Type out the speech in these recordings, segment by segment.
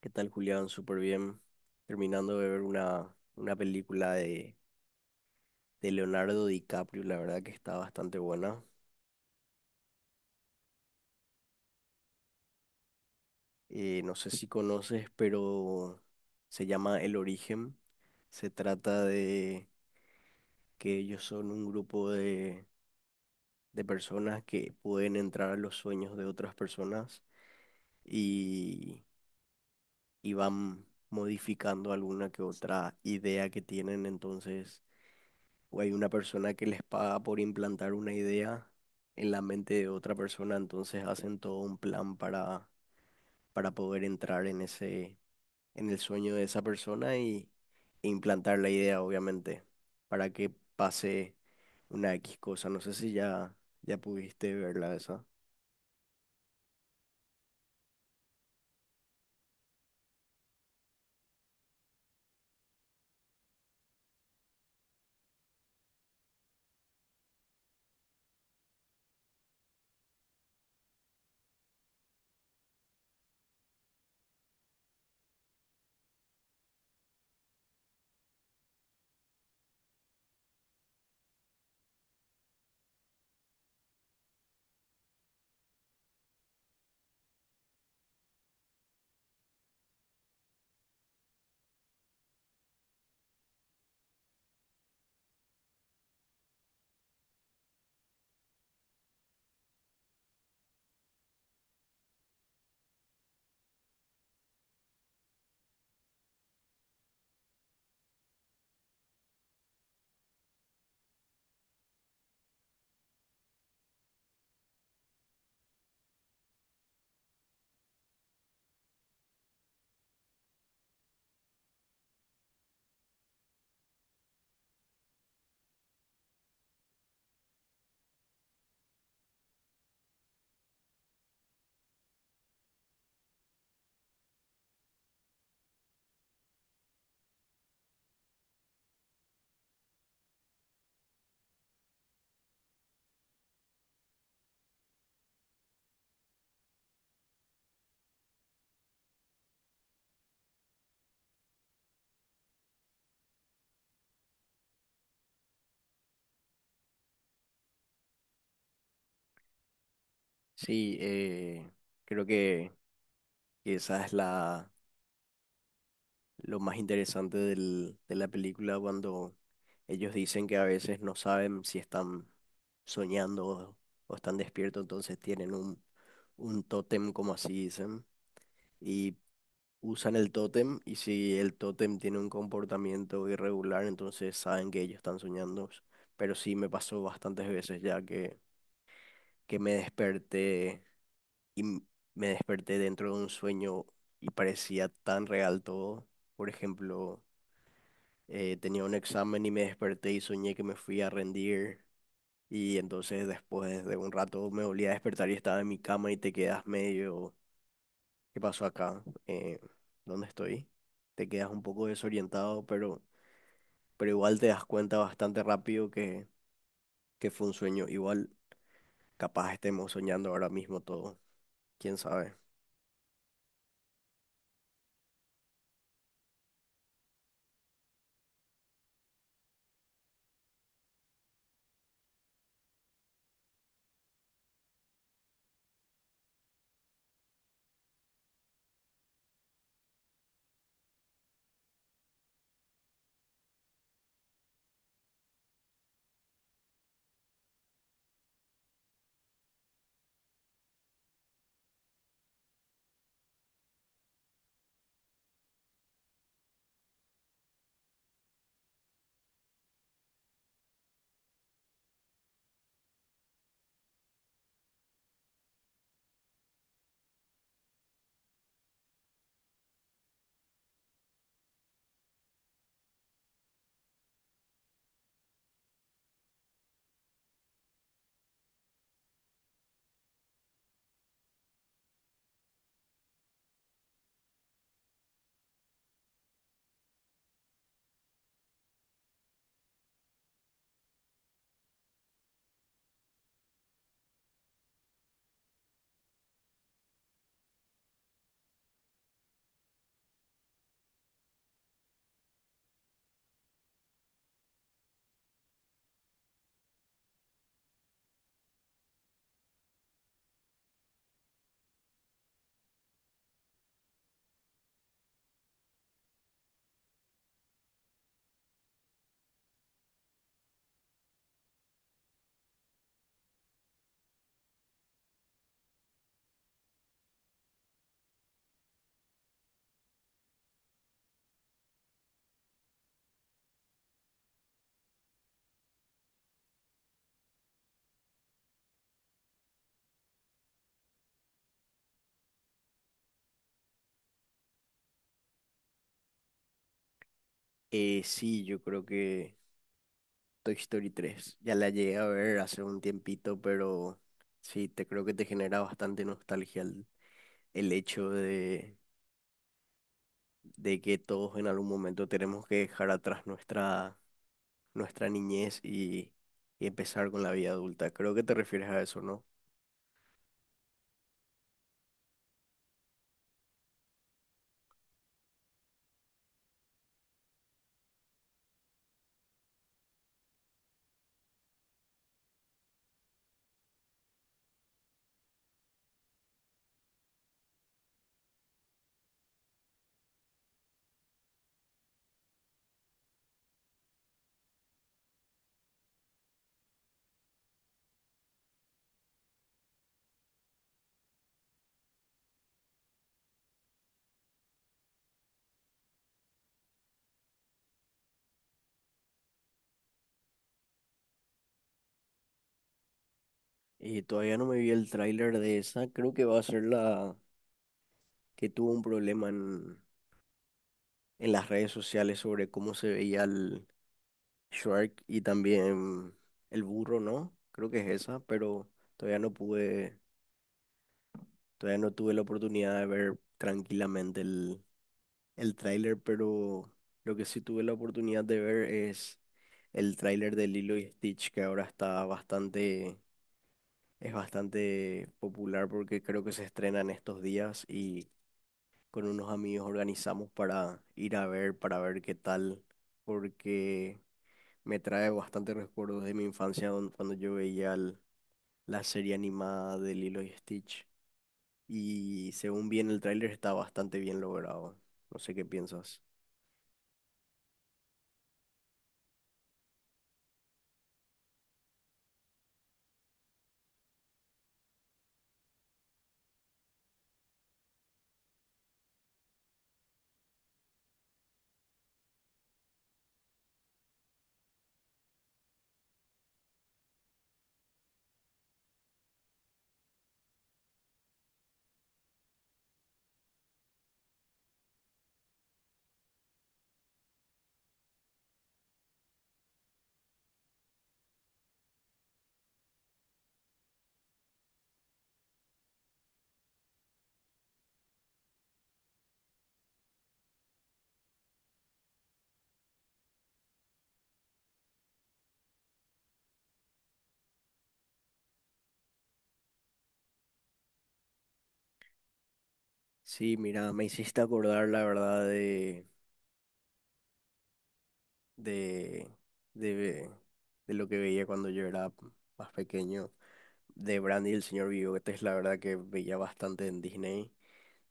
¿Qué tal, Julián? Súper bien. Terminando de ver una película de Leonardo DiCaprio, la verdad que está bastante buena. No sé si conoces, pero se llama El Origen. Se trata de que ellos son un grupo de personas que pueden entrar a los sueños de otras personas y, y van modificando alguna que otra idea que tienen. Entonces o hay una persona que les paga por implantar una idea en la mente de otra persona, entonces hacen todo un plan para poder entrar en en el sueño de esa persona y e implantar la idea, obviamente, para que pase una X cosa. No sé si ya pudiste verla esa. Sí, creo que esa es la lo más interesante de la película cuando ellos dicen que a veces no saben si están soñando o están despiertos, entonces tienen un tótem, como así dicen, y usan el tótem y si el tótem tiene un comportamiento irregular, entonces saben que ellos están soñando. Pero sí me pasó bastantes veces ya que me desperté y me desperté dentro de un sueño y parecía tan real todo. Por ejemplo, tenía un examen y me desperté y soñé que me fui a rendir. Y entonces después de un rato me volví a despertar y estaba en mi cama y te quedas medio, ¿qué pasó acá? ¿Dónde estoy? Te quedas un poco desorientado, pero igual te das cuenta bastante rápido que fue un sueño. Igual capaz estemos soñando ahora mismo todo, quién sabe. Sí, yo creo que Toy Story tres ya la llegué a ver hace un tiempito, pero sí, te creo que te genera bastante nostalgia el hecho de que todos en algún momento tenemos que dejar atrás nuestra niñez y empezar con la vida adulta. Creo que te refieres a eso, ¿no? Y todavía no me vi el tráiler de esa. Creo que va a ser la que tuvo un problema en las redes sociales sobre cómo se veía el Shrek y también el burro, ¿no? Creo que es esa, pero todavía no todavía no tuve la oportunidad de ver tranquilamente el tráiler, pero lo que sí tuve la oportunidad de ver es el tráiler de Lilo y Stitch, que ahora está bastante, es bastante popular porque creo que se estrena en estos días y con unos amigos organizamos para ir a ver, para ver qué tal, porque me trae bastantes recuerdos de mi infancia cuando yo veía la serie animada de Lilo y Stitch. Y según bien el tráiler está bastante bien logrado. No sé qué piensas. Sí, mira, me hiciste acordar la verdad de, de, ve- de lo que veía cuando yo era más pequeño, de Brandy y el señor Bigotes, la verdad que veía bastante en Disney.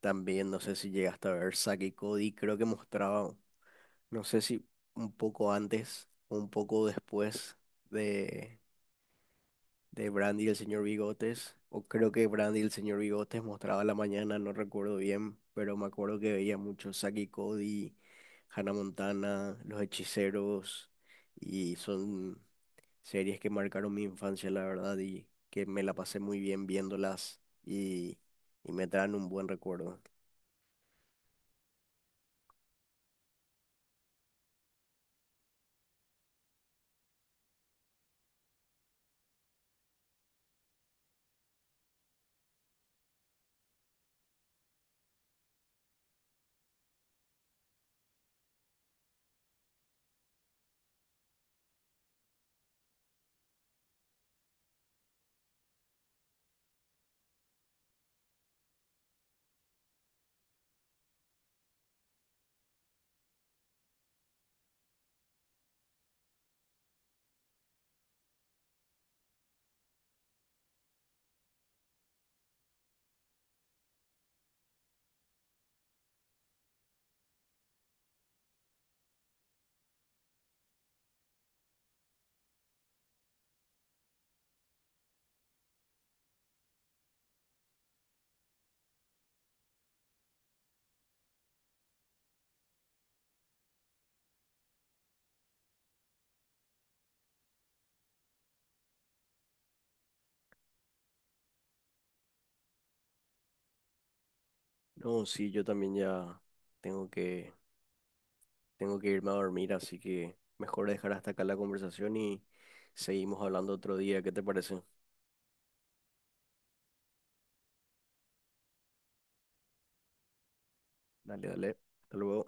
También no sé si llegaste a ver Zack y Cody, creo que mostraba, no sé si un poco antes o un poco después de Brandy y el señor Bigotes, o creo que Brandy y el señor Bigotes mostraba a la mañana, no recuerdo bien, pero me acuerdo que veía mucho Saki y Cody, Hannah Montana, Los Hechiceros, y son series que marcaron mi infancia, la verdad, y que me la pasé muy bien viéndolas y me traen un buen recuerdo. No, sí, yo también ya tengo tengo que irme a dormir, así que mejor dejar hasta acá la conversación y seguimos hablando otro día, ¿qué te parece? Dale, dale. Hasta luego.